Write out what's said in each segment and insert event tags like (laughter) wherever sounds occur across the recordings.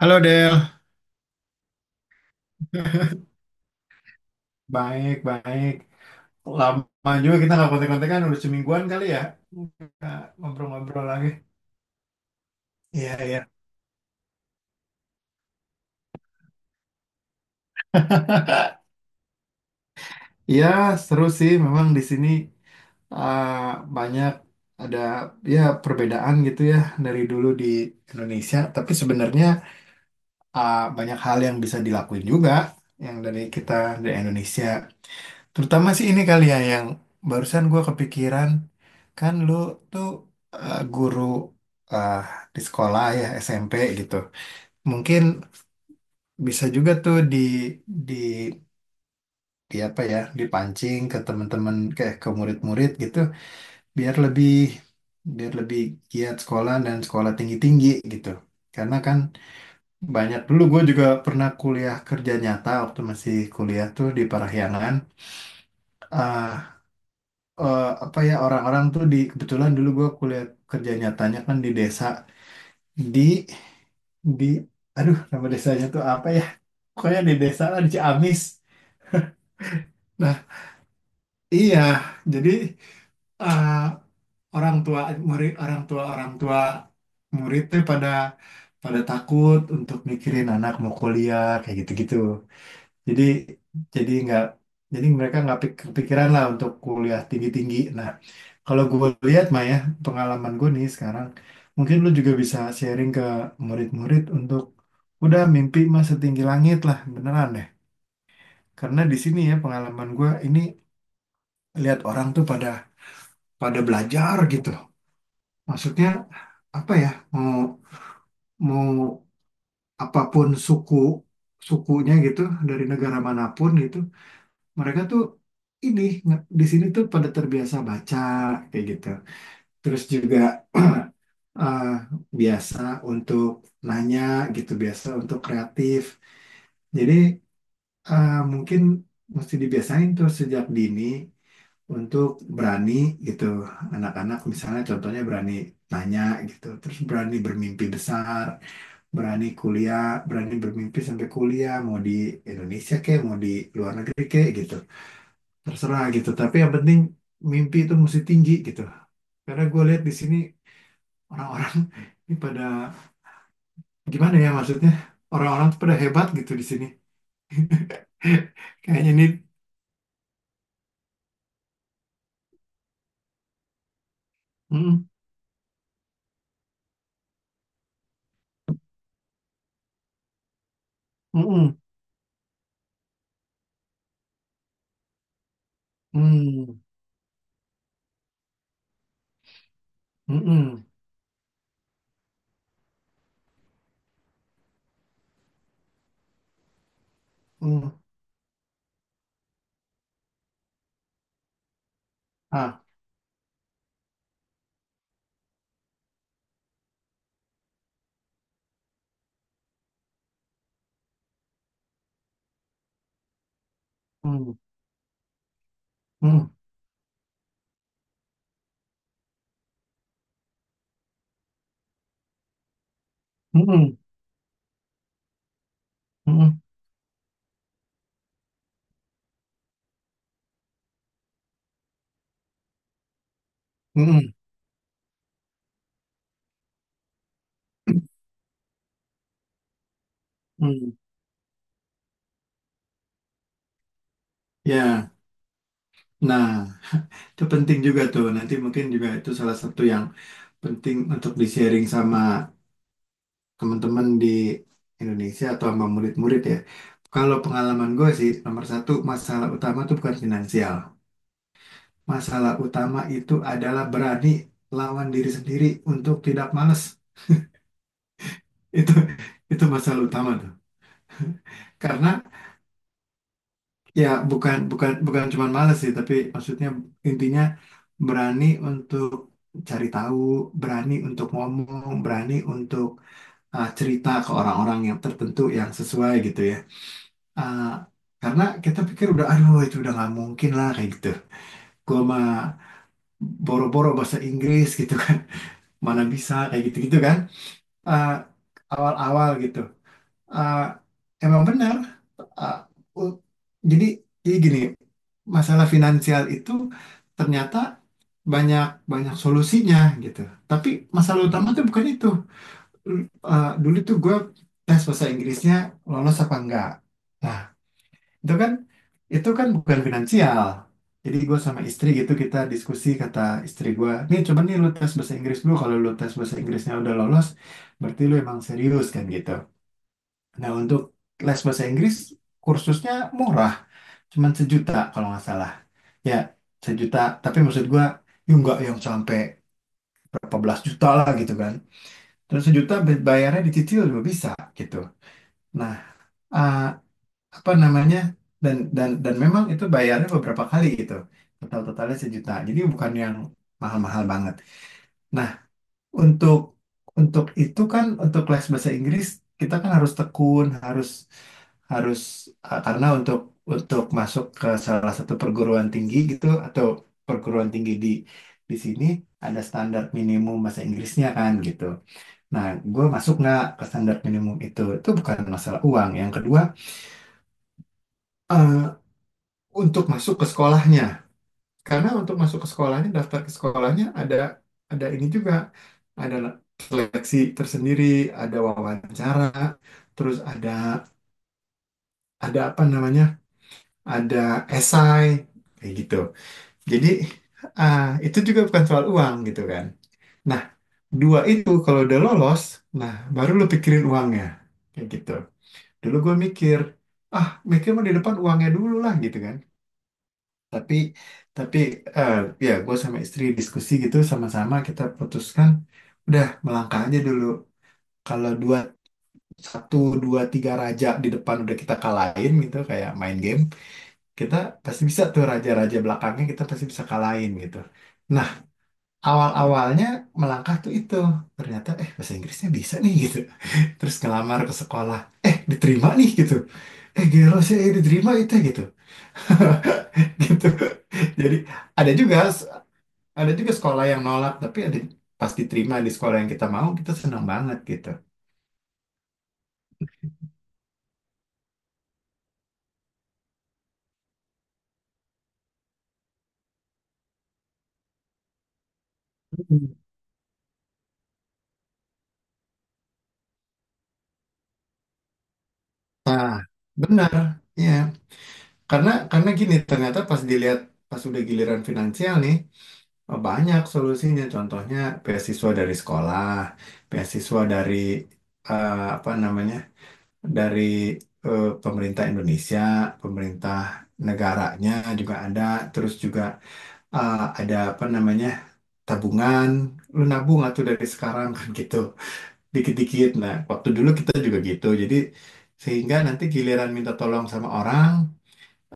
Halo, Del. (laughs) Baik, baik. Lama juga kita nggak kontek-kontekan, udah semingguan kali ya. Kita ngobrol-ngobrol lagi. Iya, iya. (laughs) Iya, seru sih. Memang di sini uh, banyak ada ya perbedaan gitu ya dari dulu di Indonesia. Tapi sebenarnya banyak hal yang bisa dilakuin juga yang dari Indonesia. Terutama sih ini kali ya yang barusan gue kepikiran, kan lu tuh guru, eh, di sekolah ya SMP gitu. Mungkin bisa juga tuh di di apa ya, dipancing ke teman-teman kayak ke murid-murid gitu, biar lebih biar lebih giat sekolah dan sekolah tinggi-tinggi gitu. Karena kan banyak, dulu gue juga pernah kuliah kerja nyata waktu masih kuliah tuh di Parahyangan. Eh, apa ya, orang-orang tuh di, kebetulan dulu gue kuliah kerja nyatanya kan di desa, di di aduh nama desanya tuh apa ya, pokoknya di desa lah di Ciamis. Nah, iya, jadi eh, orang tua murid, orang tua murid tuh pada pada takut untuk mikirin anak mau kuliah kayak gitu-gitu. Jadi jadi nggak jadi mereka nggak kepikiran lah untuk kuliah tinggi-tinggi. Nah, kalau gue lihat, Maya pengalaman gue nih sekarang, mungkin lu juga bisa sharing ke murid-murid untuk udah, mimpi mah setinggi langit lah, beneran deh. Karena di sini, ya pengalaman gue ini, lihat orang tuh pada pada belajar gitu. Maksudnya apa ya? Mau mau apapun sukunya gitu, dari negara manapun gitu, mereka tuh ini di sini tuh pada terbiasa baca kayak gitu. Terus juga (clears throat) eh, biasa untuk nanya gitu, biasa untuk kreatif. Jadi mungkin mesti dibiasain tuh sejak dini untuk berani gitu. Anak-anak misalnya, contohnya berani nanya gitu, terus berani bermimpi besar, berani kuliah, berani bermimpi sampai kuliah, mau di Indonesia kek, mau di luar negeri kek gitu. Terserah gitu, tapi yang penting mimpi itu mesti tinggi gitu. Karena gue lihat di sini, orang-orang (laughs) ini pada, gimana ya, maksudnya orang-orang tuh pada hebat gitu di sini. (laughs) Kayaknya ini. Mm, mm, mm, mm, mm, mm, ah, mm, mm, mm, mm, mm, mm, mm. Ya, nah itu penting juga tuh, nanti mungkin juga itu salah satu yang penting untuk di sharing sama teman-teman di Indonesia atau sama murid-murid ya. Kalau pengalaman gue sih, nomor satu, masalah utama tuh bukan finansial. Masalah utama itu adalah berani lawan diri sendiri untuk tidak males. Itu (laughs) itu masalah utama tuh. Karena ya bukan bukan bukan cuma males sih, tapi maksudnya, intinya berani untuk cari tahu, berani untuk ngomong, berani untuk cerita ke orang-orang yang tertentu yang sesuai gitu ya. Uh, karena kita pikir udah, aduh itu udah nggak mungkin lah kayak gitu. Gua mah boro-boro bahasa Inggris gitu kan. (laughs) Mana bisa kayak gitu-gitu kan, eh, awal-awal gitu. Eh, Emang benar. Eh, u- jadi, gini, masalah finansial itu ternyata banyak banyak solusinya gitu. Tapi masalah utama tuh bukan itu. Dulu tuh gue tes bahasa Inggrisnya lolos apa enggak. Nah, itu kan itu kan bukan finansial. Jadi gue sama istri gitu kita diskusi, kata istri gue nih, coba nih lu tes bahasa Inggris dulu, kalau lu tes bahasa Inggrisnya udah lolos berarti lu emang serius kan gitu. Nah, untuk les bahasa Inggris, kursusnya murah, cuman 1 juta kalau nggak salah, ya 1 juta. Tapi maksud gue ya nggak yang sampai berapa belas juta lah gitu kan. Terus 1 juta, bayarnya dicicil juga bisa gitu. Nah, eh, apa namanya, dan memang itu bayarnya beberapa kali gitu, totalnya 1 juta, jadi bukan yang mahal-mahal banget. Nah, untuk itu kan, untuk les bahasa Inggris kita kan harus tekun, harus harus karena untuk masuk ke salah satu perguruan tinggi gitu, atau perguruan tinggi di sini ada standar minimum bahasa Inggrisnya kan gitu. Nah, gue masuk nggak ke standar minimum itu? Itu bukan masalah uang. Yang kedua, eh, untuk masuk ke sekolahnya. Karena untuk masuk ke sekolahnya, daftar ke sekolahnya ada ini juga, ada seleksi tersendiri, ada wawancara, terus ada apa namanya, ada esai kayak gitu. Jadi itu juga bukan soal uang gitu kan. Nah, dua itu kalau udah lolos, nah baru lu pikirin uangnya kayak gitu. Dulu gue mikir, ah mikir mah di depan uangnya dulu lah gitu kan. Tapi tapi eh, ya gue sama istri diskusi gitu, sama-sama kita putuskan udah melangkah aja dulu. Kalau satu dua tiga raja di depan udah kita kalahin gitu kayak main game, kita pasti bisa tuh raja-raja belakangnya kita pasti bisa kalahin gitu. Nah, awal-awalnya melangkah tuh itu, ternyata bahasa Inggrisnya bisa nih gitu, terus ngelamar ke sekolah, diterima nih gitu, gelo sih, diterima itu gitu. (laughs) Gitu, jadi ada juga ada juga sekolah yang nolak. Tapi ada, pas diterima di sekolah yang kita mau, kita senang banget gitu. Mm. Nah, benar. Ya karena gini, ternyata pas dilihat, pas udah giliran finansial nih, oh, banyak solusinya, contohnya beasiswa dari sekolah, beasiswa dari apa namanya, dari pemerintah Indonesia, pemerintah negaranya juga ada. Terus juga ada apa namanya, tabungan, lu nabung atau dari sekarang, (laughs) kan gitu, dikit-dikit. Nah, waktu dulu kita juga gitu. Jadi, sehingga nanti giliran minta tolong sama orang,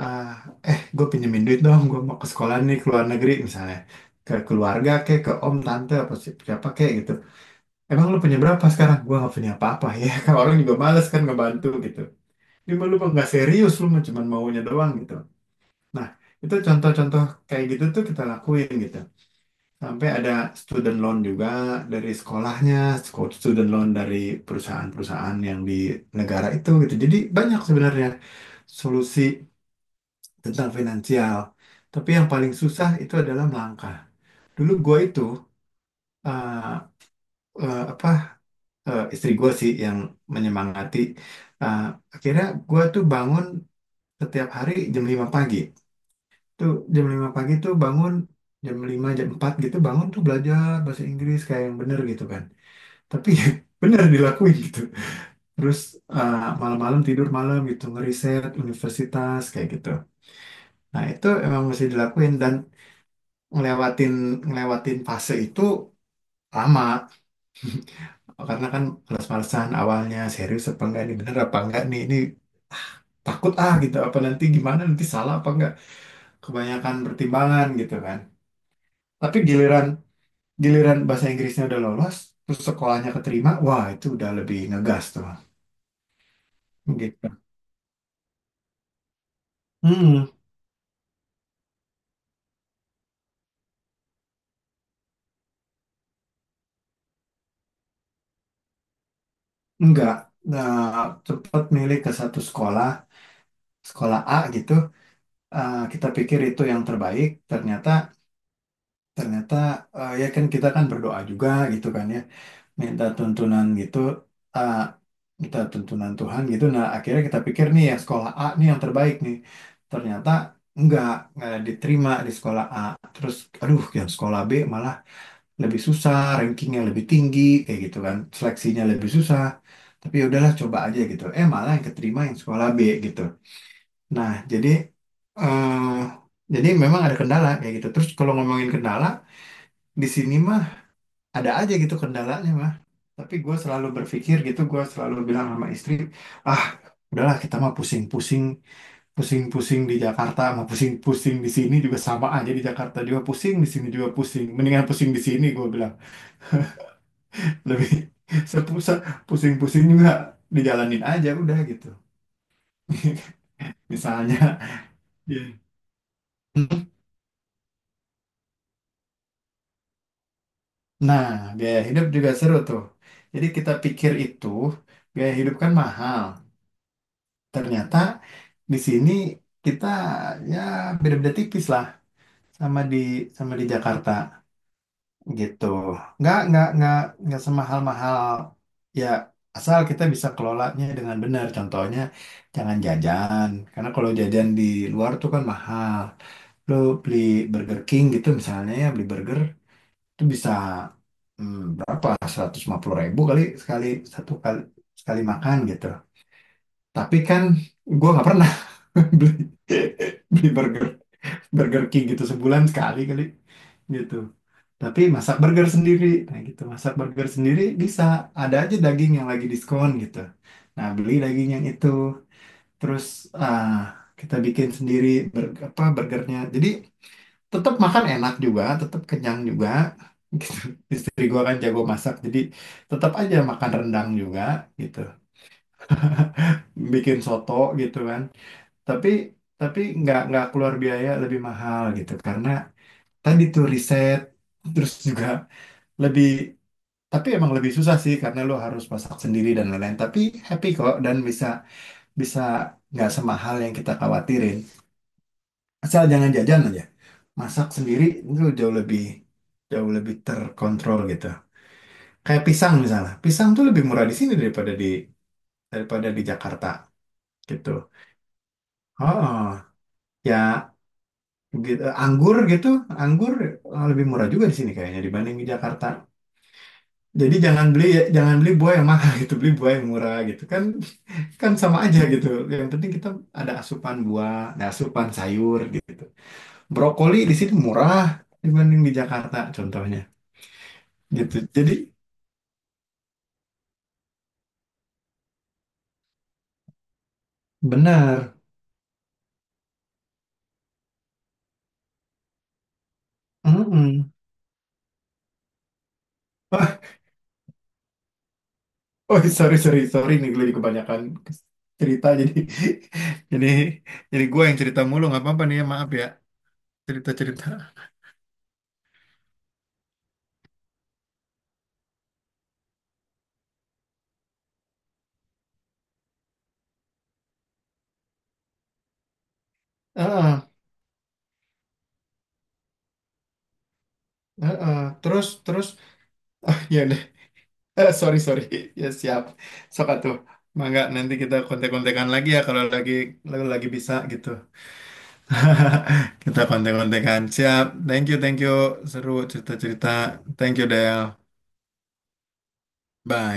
ah, gue pinjemin duit dong, gue mau ke sekolah nih, ke luar negeri misalnya. Ke keluarga kek, ke om, tante, apa siapa kek gitu. Emang lu punya berapa sekarang? Gue gak punya apa-apa ya. (laughs) Kalau orang juga males kan ngebantu gitu. Ini mah lu mah nggak serius, lu mah cuman maunya doang gitu. Nah, itu contoh-contoh kayak gitu tuh kita lakuin gitu. Sampai ada student loan juga dari sekolahnya, student loan dari perusahaan-perusahaan yang di negara itu gitu. Jadi banyak sebenarnya solusi tentang finansial. Tapi yang paling susah itu adalah melangkah. Dulu gue itu eh, apa, istri gue sih yang menyemangati. Eh, Akhirnya gue tuh bangun setiap hari jam 5 pagi. Tuh jam 5 pagi tuh bangun, jam 5 jam 4 gitu bangun tuh, belajar bahasa Inggris kayak yang bener gitu kan. Tapi (laughs) benar dilakuin gitu, terus malam-malam tidur malam gitu ngeriset universitas kayak gitu. Nah itu emang mesti dilakuin, dan ngelewatin ngelewatin fase itu lama, karena kan males-malesan awalnya, serius apa enggak ini, bener apa enggak nih ini, ah, takut gitu, apa nanti, gimana nanti, salah apa enggak, kebanyakan pertimbangan gitu kan. Tapi giliran giliran bahasa Inggrisnya udah lolos, terus sekolahnya keterima, wah itu udah lebih ngegas tuh gitu. Hmm. Enggak, nah, cepat milih ke satu sekolah, sekolah A gitu. Eh, kita pikir itu yang terbaik, ternyata ternyata ya kan kita kan berdoa juga gitu kan ya, minta tuntunan gitu, eh, minta tuntunan Tuhan gitu. Nah, akhirnya kita pikir nih ya sekolah A nih yang terbaik nih. Ternyata enggak, enggak diterima di sekolah A. Terus aduh, yang sekolah B malah lebih susah, rankingnya lebih tinggi, kayak gitu kan, seleksinya lebih susah. Tapi ya udahlah coba aja gitu. Eh malah yang keterima yang sekolah B gitu. Nah jadi, eh memang ada kendala kayak gitu. Terus kalau ngomongin kendala di sini mah ada aja gitu kendalanya mah. Tapi gue selalu berpikir gitu, gue selalu bilang sama istri, ah udahlah kita mah pusing-pusing, pusing-pusing di Jakarta, mau pusing-pusing di sini juga sama aja, di Jakarta juga pusing, di sini juga pusing. Mendingan pusing di sini gue bilang. Lebih (laughs) sepusat, pusing-pusing juga dijalanin aja udah gitu. (laughs) Misalnya. Iya. Nah biaya hidup juga seru tuh, jadi kita pikir itu biaya hidup kan mahal, ternyata di sini kita ya beda-beda tipis lah sama di sama di Jakarta gitu. Nggak nggak nggak nggak semahal-mahal, ya asal kita bisa kelolanya dengan benar. Contohnya jangan jajan, karena kalau jajan di luar tuh kan mahal. Lo beli Burger King gitu misalnya, ya beli burger itu bisa berapa, 150 ribu kali sekali satu kali sekali makan gitu. Tapi kan gue nggak pernah (laughs) beli, burger Burger King gitu sebulan sekali kali gitu. Tapi masak burger sendiri. Nah gitu, masak burger sendiri bisa. Ada aja daging yang lagi diskon gitu. Nah beli daging yang itu. Terus ah, kita bikin sendiri apa burgernya. Jadi tetap makan enak juga, tetap kenyang juga. (laughs) Gitu. Istri gua kan jago masak, jadi tetap aja makan rendang juga gitu. Bikin soto gitu kan. Tapi nggak keluar biaya lebih mahal gitu, karena tadi tuh riset, terus juga lebih. Tapi emang lebih susah sih karena lo harus masak sendiri dan lain-lain. Tapi happy kok, dan bisa, nggak semahal yang kita khawatirin. Asal jangan jajan aja. Masak sendiri itu jauh lebih, jauh lebih terkontrol gitu. Kayak pisang misalnya. Pisang tuh lebih murah di sini daripada di, daripada di Jakarta gitu. Oh, ya gitu. Anggur lebih murah juga di sini kayaknya dibanding di Jakarta. Jadi jangan beli buah yang mahal, (laughs) gitu, beli buah yang murah gitu kan, sama aja gitu. Yang penting kita ada asupan buah, ada asupan sayur gitu. Brokoli di sini murah dibanding di Jakarta contohnya gitu. Jadi benar. Mm-mm. Wah, oh sorry sorry sorry nih, gue jadi kebanyakan cerita, jadi (laughs) jadi jadi gue yang cerita mulu, nggak apa-apa nih ya, maaf ya, cerita cerita. Heeh, heeh. Terus Terus (laughs) ya deh. Sorry sorry ya, siap, sok tuh. Mangga nanti kita kontek-kontekan lagi ya, kalau lagi, kalau lagi bisa gitu. (laughs) Kita konten kontekan, siap. Thank you, thank you. Seru cerita-cerita. Thank you, Del. Bye.